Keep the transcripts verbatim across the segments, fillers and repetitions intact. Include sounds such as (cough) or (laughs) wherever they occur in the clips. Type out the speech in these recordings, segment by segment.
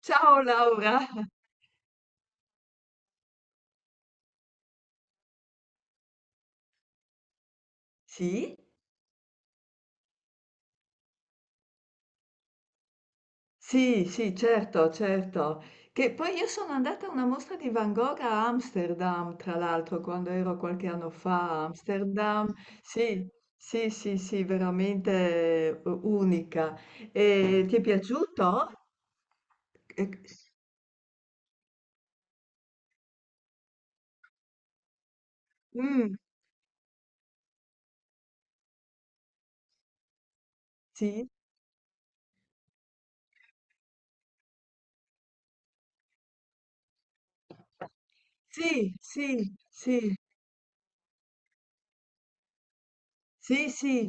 Ciao Laura! Sì? Sì, sì, certo, certo. Che poi io sono andata a una mostra di Van Gogh a Amsterdam, tra l'altro, quando ero qualche anno fa a Amsterdam. Sì, sì, sì, sì, veramente eh, unica. E ti è piaciuto? Eh, mm, sì, sì, sì, sì, sì, sì,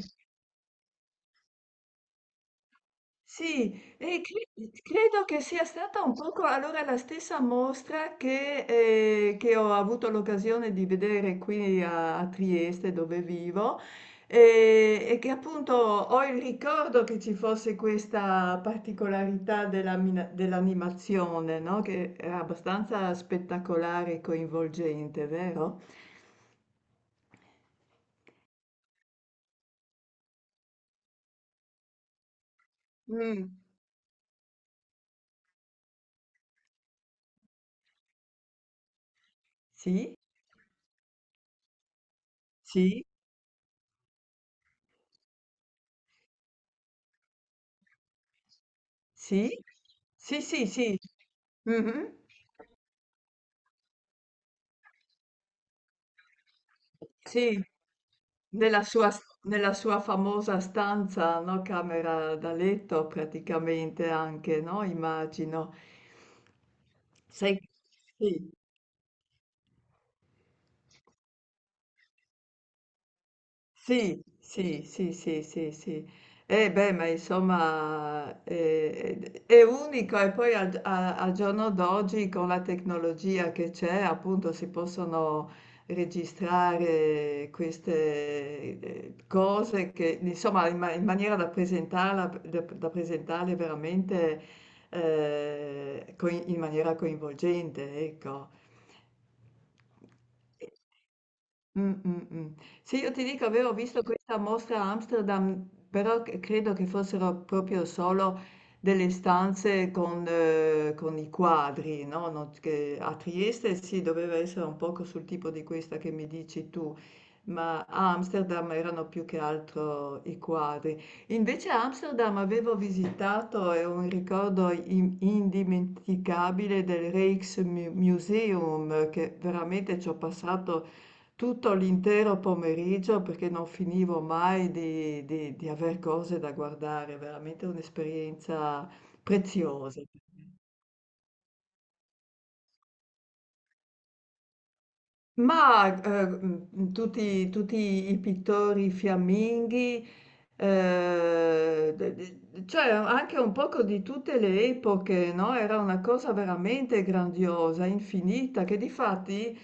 sì, e cre- credo che sia stata un poco allora la stessa mostra che, eh, che ho avuto l'occasione di vedere qui a, a Trieste dove vivo e, e che appunto ho il ricordo che ci fosse questa particolarità della mina- dell'animazione, no? Che era abbastanza spettacolare e coinvolgente, vero? Mm. Sì, sì, sì, sì, sì, sì. Mhm. Sì. Nella sua s nella sua famosa stanza, no, camera da letto praticamente anche, no, immagino. Sei sì. Sì, sì, sì, sì, sì, sì. Eh beh, ma insomma eh, eh, è, unico e poi al, a- al giorno d'oggi con la tecnologia che c'è, appunto, si possono registrare queste eh, cose che, insomma, in, ma- in maniera da presentarla, da, da presentarle veramente eh, coi- in maniera coinvolgente, ecco. Mh, mh, mh. Sì, io ti dico, avevo visto questa mostra a Amsterdam, però c credo che fossero proprio solo delle stanze con eh, con i quadri, no, non che a Trieste sì, doveva essere un poco sul tipo di questa che mi dici tu ma a Amsterdam erano più che altro i quadri. Invece a Amsterdam avevo visitato, e ho un ricordo im- indimenticabile del Rijksmuseum, che veramente ci ho passato tutto l'intero pomeriggio perché non finivo mai di, di, di aver cose da guardare, veramente un'esperienza preziosa. Ma, ehm, mhmm, tutti tutti i pittori fiamminghi, ehm, de de cioè anche un poco di tutte le epoche, no, era una cosa veramente grandiosa, infinita, che difatti,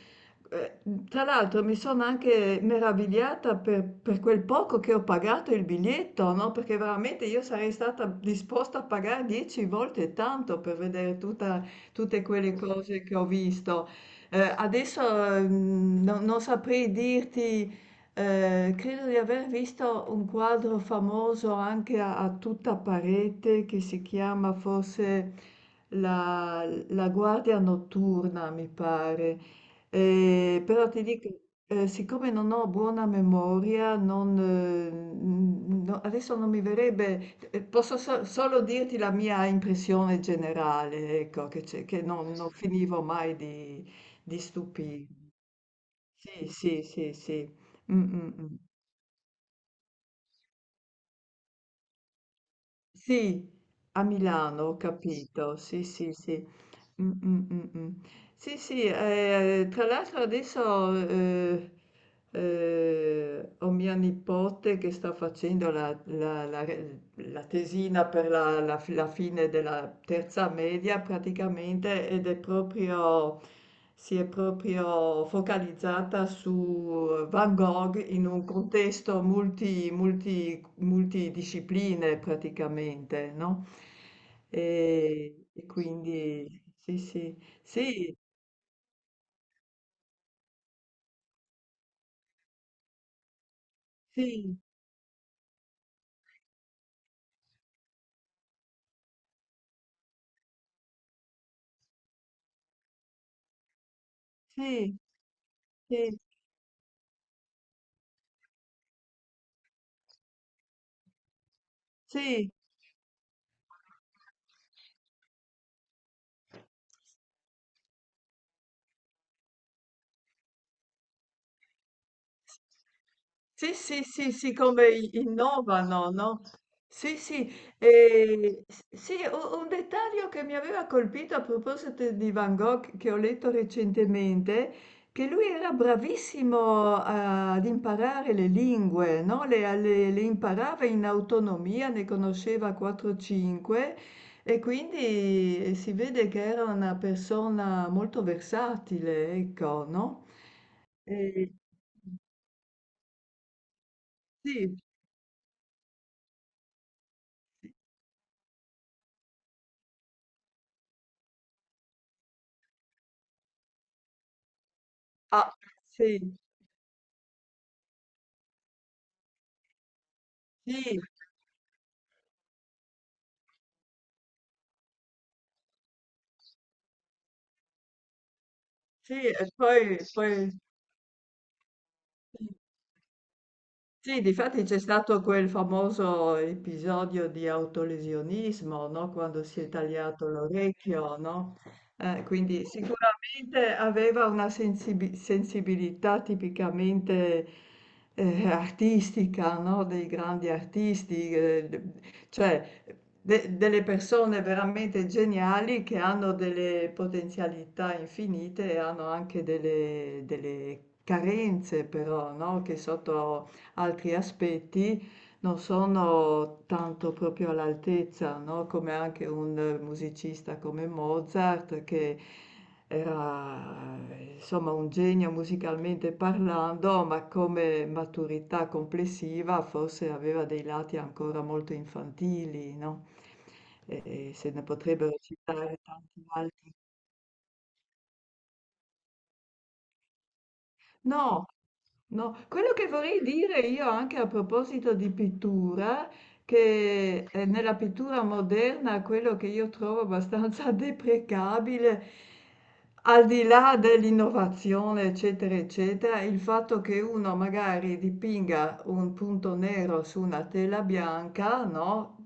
ehm, tra l'altro mi sono anche meravigliata per per quel poco che ho pagato il biglietto, no, perché veramente io sarei stata disposta a pagare dieci volte tanto per vedere tutta tutte quelle cose che ho visto. Ehm, adesso, mhmm, no non saprei dirti, ehm, credo di aver visto un quadro famoso anche a a tutta parete che si chiama forse la la guardia notturna, mi pare. Ehm, però ti dico, ehm, siccome non ho buona memoria, non mhmm, no adesso non mi verrebbe ehm, posso so solo dirti la mia impressione generale, ecco, che c'è che non non finivo mai di di stupì. Sì, sì, sì, sì. Mh, mh, mh. Sì, a Milano, ho capito. Sì, sì, sì. Mh, mh, mh, mh. Sì, sì, eh, tra l'altro adesso eh, eh, ho mia nipote che sta facendo la, la- la- la tesina per la, la- la fine della terza media praticamente ed è proprio... si è proprio focalizzata su Van Gogh in un contesto multi, multi- multidiscipline praticamente, no? E, e quindi sì, sì, sì, sì, sì, sì, sì. Sì, sì, sì, sì, come i- innovano, no? Sì, sì, e s- sì, u- un dettaglio che mi aveva colpito a proposito di Van Gogh che ho letto recentemente, che lui era bravissimo a- ad imparare le lingue, no? Le, le- le imparava in autonomia, ne conosceva quattro cinque e quindi si vede che era una persona molto versatile, ecco, no? E- sì, ah, sì, sì, sì, e poi poi sì. Sì, difatti c'è stato quel famoso episodio di autolesionismo, no? Quando si è tagliato l'orecchio, no? Eh, quindi sicuramente aveva una sensibi- sensibilità tipicamente eh, artistica, no? Dei grandi artisti, eh, de- cioè de- delle persone veramente geniali che hanno delle potenzialità infinite e hanno anche delle, delle carenze, però, no? Che sotto altri aspetti non sono tanto proprio all'altezza, no? Come anche un musicista come Mozart che era insomma un genio musicalmente parlando, ma come maturità complessiva forse aveva dei lati ancora molto infantili, no? E, e se ne potrebbero citare tanti altri. No, no, quello che vorrei dire io anche a proposito di pittura, che eh, nella pittura moderna quello che io trovo abbastanza (laughs) deprecabile, al di là dell'innovazione, eccetera, eccetera, il fatto che uno magari dipinga un punto nero su una tela bianca, no?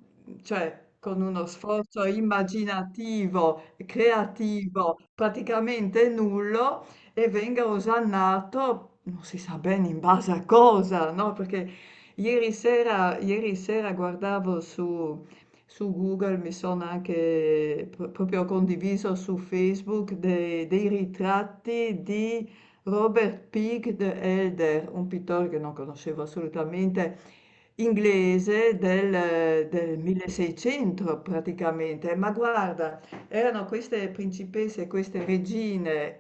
Cioè con uno sforzo immaginativo, creativo, praticamente nullo e venga osannato, non si sa bene in base a cosa, no? Perché ieri sera, ieri sera guardavo su, su Google, mi sono anche pro- proprio condiviso su Facebook dei, dei ritratti di Robert Peake the Elder, un pittore che non conoscevo assolutamente, inglese del, del milleseicento praticamente. Ma guarda, erano queste principesse, queste regine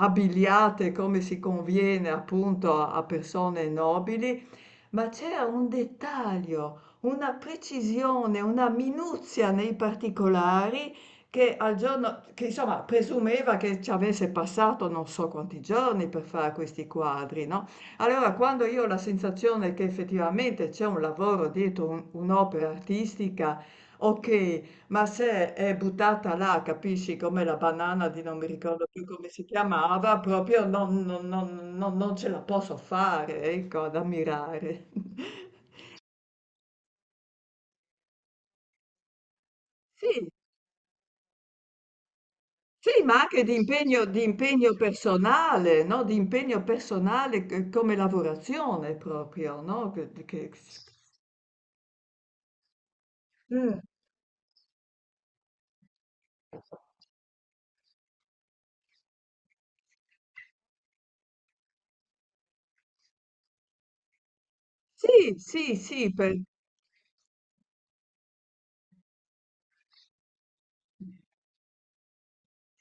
abbigliate come si conviene appunto a a persone nobili, ma c'era un dettaglio, una precisione, una minuzia nei particolari che al giorno, che insomma presumeva che ci avesse passato non so quanti giorni per fare questi quadri, no? Allora, quando io ho la sensazione che effettivamente c'è un lavoro dietro un- un'opera artistica, ok, ma se è buttata là, capisci, come la banana di non mi ricordo più come si chiamava, proprio non, non- non- non- non ce la posso fare, ecco, ad ammirare. (laughs) Sì, sì, ma anche di impegno, di impegno personale, no? Di impegno personale c- come lavorazione proprio, no? Che- che- Mm. Sì, sì, sì, per-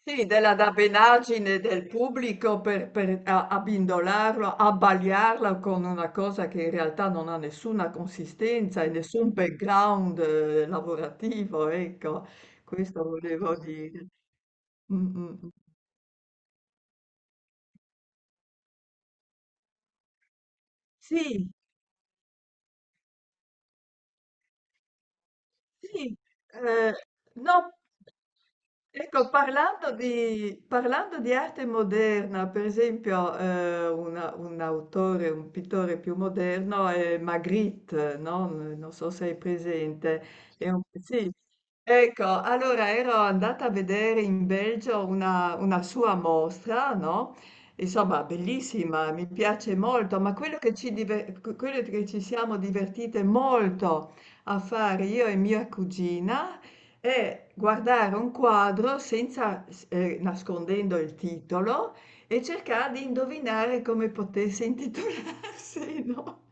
Sì, della dabbenaggine del pubblico per, per a- abbindolarlo, abbagliarlo con una cosa che in realtà non ha nessuna consistenza e nessun background eh, lavorativo, ecco, questo volevo dire. Mm, mm. Mm. Sì, sì, eh, no, ecco, parlando di, parlando di arte moderna, per esempio, eh, una- un autore, un pittore più moderno è Magritte, no? Non so se è presente. È un- sì. Ecco, allora ero andata a vedere in Belgio una, una sua mostra, no? Insomma, bellissima, mi piace molto, ma quello che ci, diver- quello che ci siamo divertite molto a fare io e mia cugina è guardare un quadro senza, s- eh, nascondendo il titolo e cercare di indovinare come potesse intitolarsi, (laughs) no?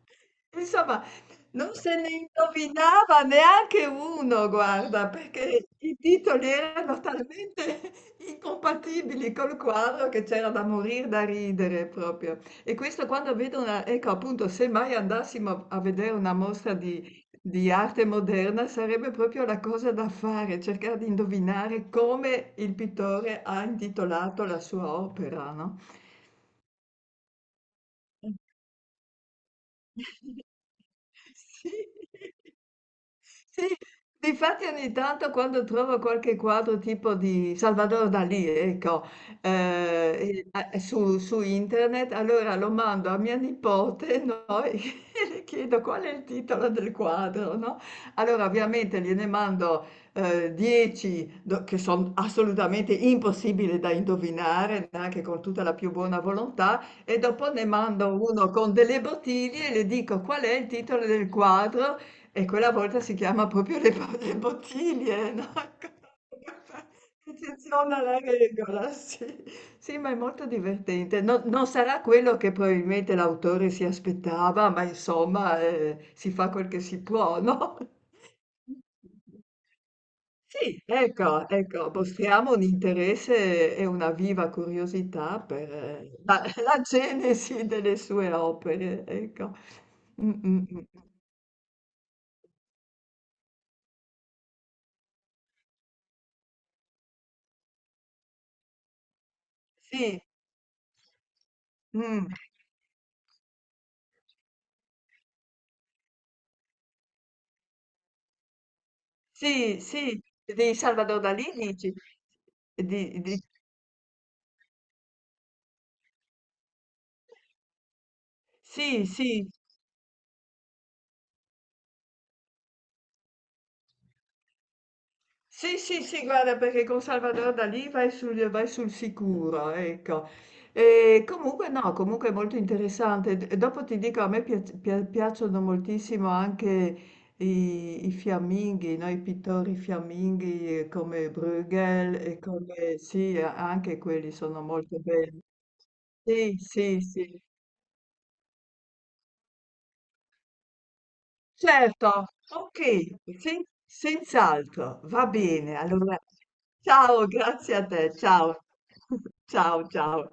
Insomma, non se ne indovinava neanche uno, guarda, perché i titoli erano talmente (laughs) incompatibili col quadro che c'era da morire da ridere proprio. E questo quando vedo una, ecco appunto, se mai andassimo a vedere una mostra di, di arte moderna sarebbe proprio la cosa da fare, cercare di indovinare come il pittore ha intitolato la sua opera, no? (laughs) Sì. Sì, difatti ogni tanto quando trovo qualche quadro tipo di Salvador Dalì, ecco, eh, e- eh, su, su internet, allora lo mando a mia nipote, no? (laughs) E le chiedo qual è il titolo del quadro, no? Allora ovviamente gliene mando eh, dieci do- che sono assolutamente impossibili da indovinare, anche con tutta la più buona volontà, e dopo ne mando uno con delle bottiglie e le dico qual è il titolo del quadro e quella volta si chiama proprio le bo le bottiglie, no, (laughs) Ecceziona la regola, sì. Sì, ma è molto divertente. No non sarà quello che probabilmente l'autore si aspettava, ma insomma, ehm, si fa quel che si può, no? Sì, ecco, ecco, mostriamo un interesse e una viva curiosità per eh, la (laughs) la genesi delle sue opere, ecco. Mh, mh, mh. Sì, mh. Sì, sì, di Salvador Dalì dici? Di, di- sì, sì, sì, sì, sì, guarda, perché con Salvador Dalì vai sul, vai sul sicuro, ecco. E comunque no, comunque è molto interessante. D- Dopo ti dico, a me piac- pia- piacciono moltissimo anche i, i fiamminghi, no? I pittori fiamminghi eh, come Bruegel e come, sì, a- anche quelli sono molto belli. Sì, sì, sì. Certo, okay, sen senz'altro, va bene. Allora ciao, grazie a te, ciao. (laughs) Ciao, ciao.